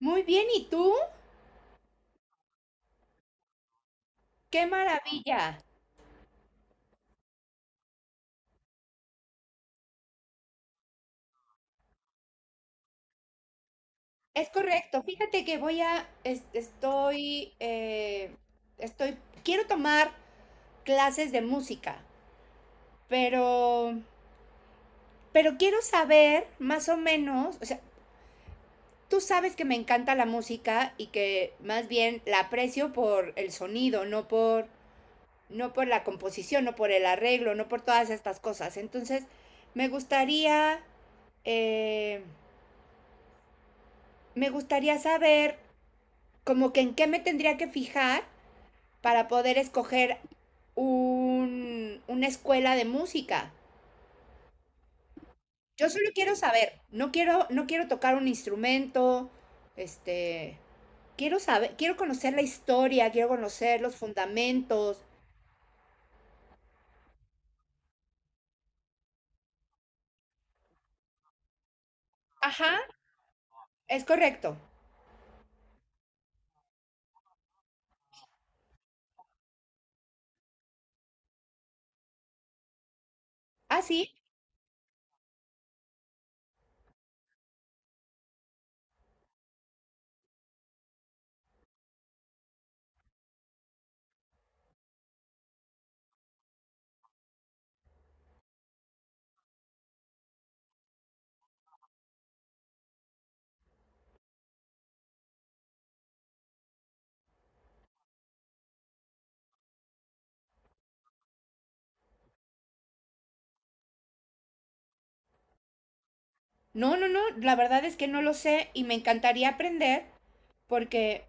Muy bien, ¿y tú? ¡Qué maravilla! Es correcto. Fíjate que voy a, estoy, estoy, quiero tomar clases de música, pero, pero quiero saber más o menos, o sea, tú sabes que me encanta la música y que más bien la aprecio por el sonido, no por la composición, no por el arreglo, no por todas estas cosas. Entonces, me gustaría eh, me gustaría saber como que en qué me tendría que fijar para poder escoger una escuela de música. Yo solo quiero saber, no quiero tocar un instrumento, este, quiero saber, quiero conocer la historia, quiero conocer los fundamentos. Ajá, es correcto. Ah, sí. No, no, no, la verdad es que no lo sé y me encantaría aprender porque,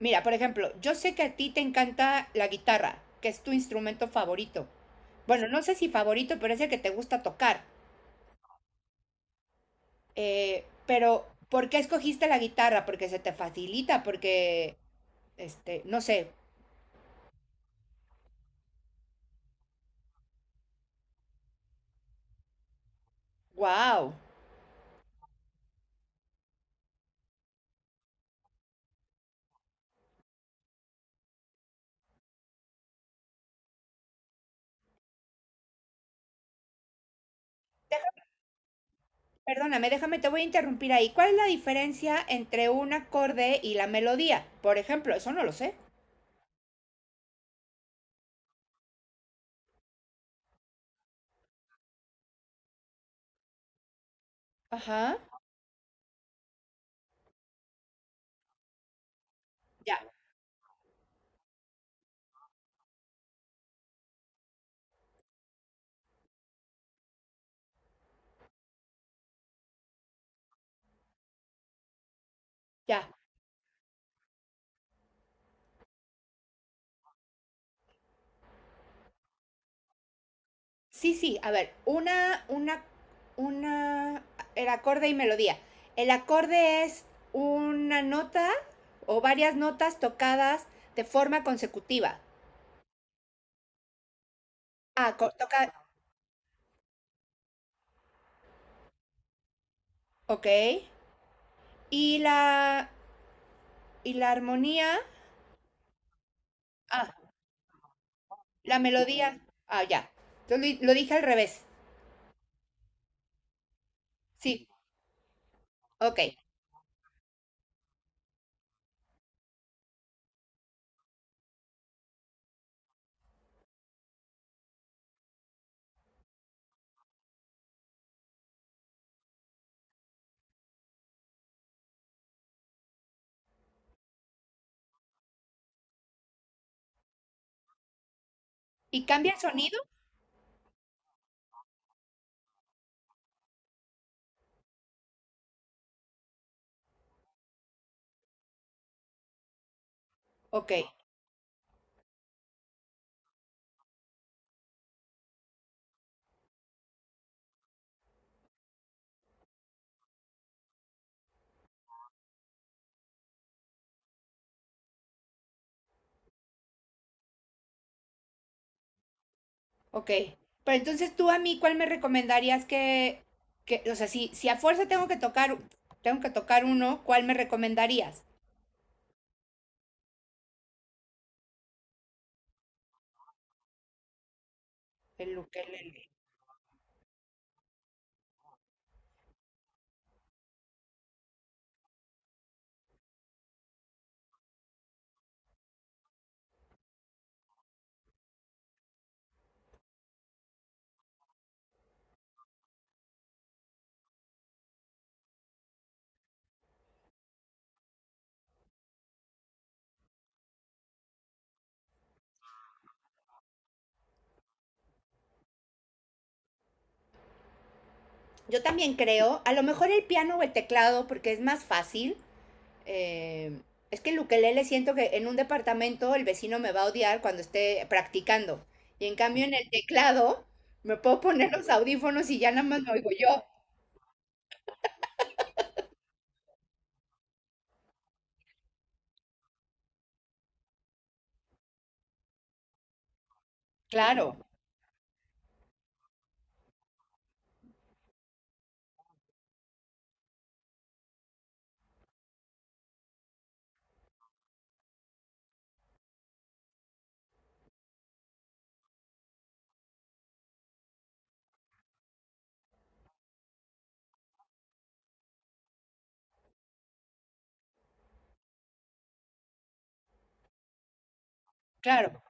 mira, por ejemplo, yo sé que a ti te encanta la guitarra, que es tu instrumento favorito. Bueno, no sé si favorito, pero es el que te gusta tocar. Pero, ¿por qué escogiste la guitarra? Porque se te facilita, porque, este, no sé, wow. Perdóname, déjame, te voy a interrumpir ahí. ¿Cuál es la diferencia entre un acorde y la melodía? Por ejemplo, eso no lo sé. Ajá, ya, ya. Sí, sí, a ver, una, el acorde y melodía. El acorde es una nota o varias notas tocadas de forma consecutiva. Toca, ok. Y la, y la armonía, ah, la melodía, ah, ya. Lo dije al revés, sí, ok. ¿Y cambia el sonido? Ok. Ok. Pero entonces tú a mí, ¿cuál me recomendarías que o sea, si a fuerza tengo que tocar uno, ¿cuál me recomendarías? El ukelele. Yo también creo, a lo mejor el piano o el teclado, porque es más fácil. eh, es que el ukelele siento que en un departamento el vecino me va a odiar cuando esté practicando. Y en cambio en el teclado me puedo poner los audífonos y ya nada más me oigo yo. Claro, claro.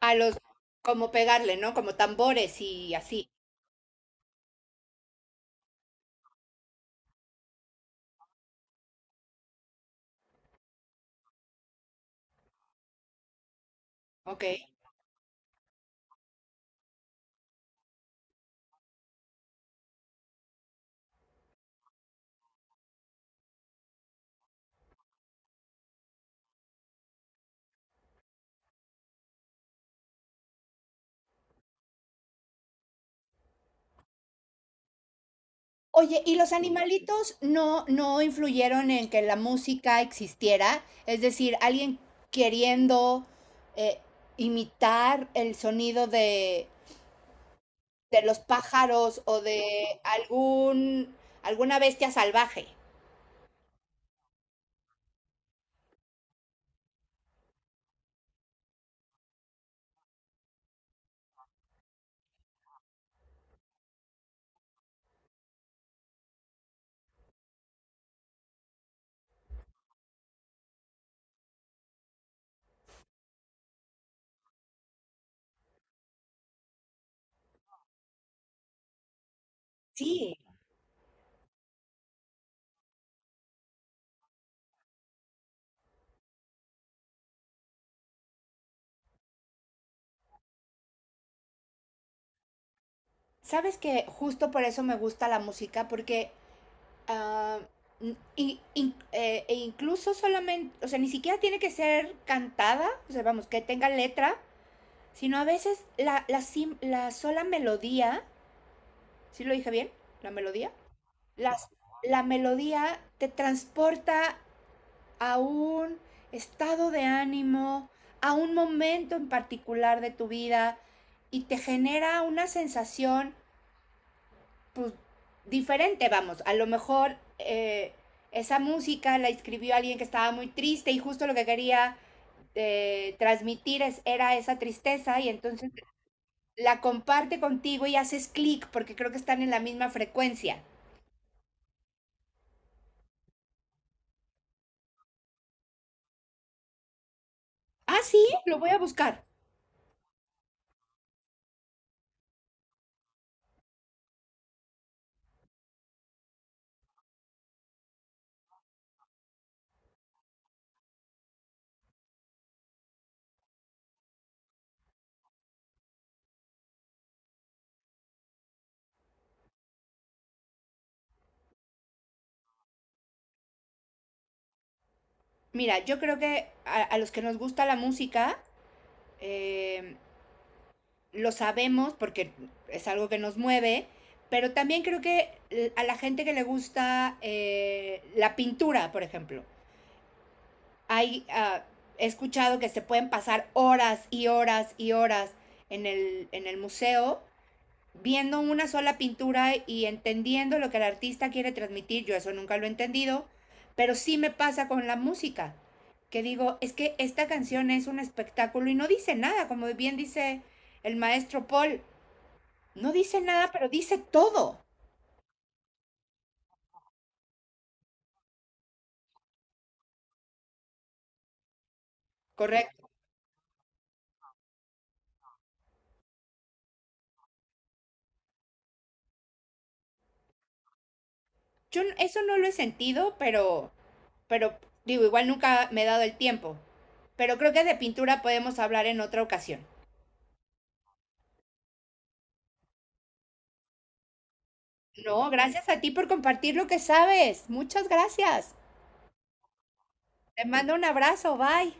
A los, como pegarle, ¿no? Como tambores y así. Okey. Oye, ¿y los animalitos no influyeron en que la música existiera? Es decir, alguien queriendo, eh, imitar el sonido de los pájaros o de algún alguna bestia salvaje. Sí. ¿Sabes que justo por eso me gusta la música? Porque, ah, mm, y in e incluso solamente, o sea, ni siquiera tiene que ser cantada, o sea, vamos, que tenga letra, sino a veces la sola melodía, ¿sí lo dije bien? ¿La melodía? Las, la melodía te transporta a un estado de ánimo, a un momento en particular de tu vida y te genera una sensación pues, diferente, vamos, a lo mejor esa música la escribió alguien que estaba muy triste y justo lo que quería era esa tristeza y entonces la comparte contigo y haces clic porque creo que están en la misma frecuencia. Ah, sí, lo voy a buscar. Mira, yo creo que a los que nos gusta la música, eh, lo sabemos porque es algo que nos mueve, pero también creo que a la gente que le gusta la pintura, por ejemplo, hay, ah, he escuchado que se pueden pasar horas y horas y horas en en el museo viendo una sola pintura y entendiendo lo que el artista quiere transmitir, yo eso nunca lo he entendido, pero sí me pasa con la música, que digo, es que esta canción es un espectáculo y no dice nada, como bien dice el maestro Paul, no dice nada, pero dice todo, correcto. Yo eso no lo he sentido, pero digo, igual nunca me he dado el tiempo, pero creo que de pintura podemos hablar en otra ocasión. No, gracias a ti por compartir lo que sabes. Muchas gracias. Te mando un abrazo, bye.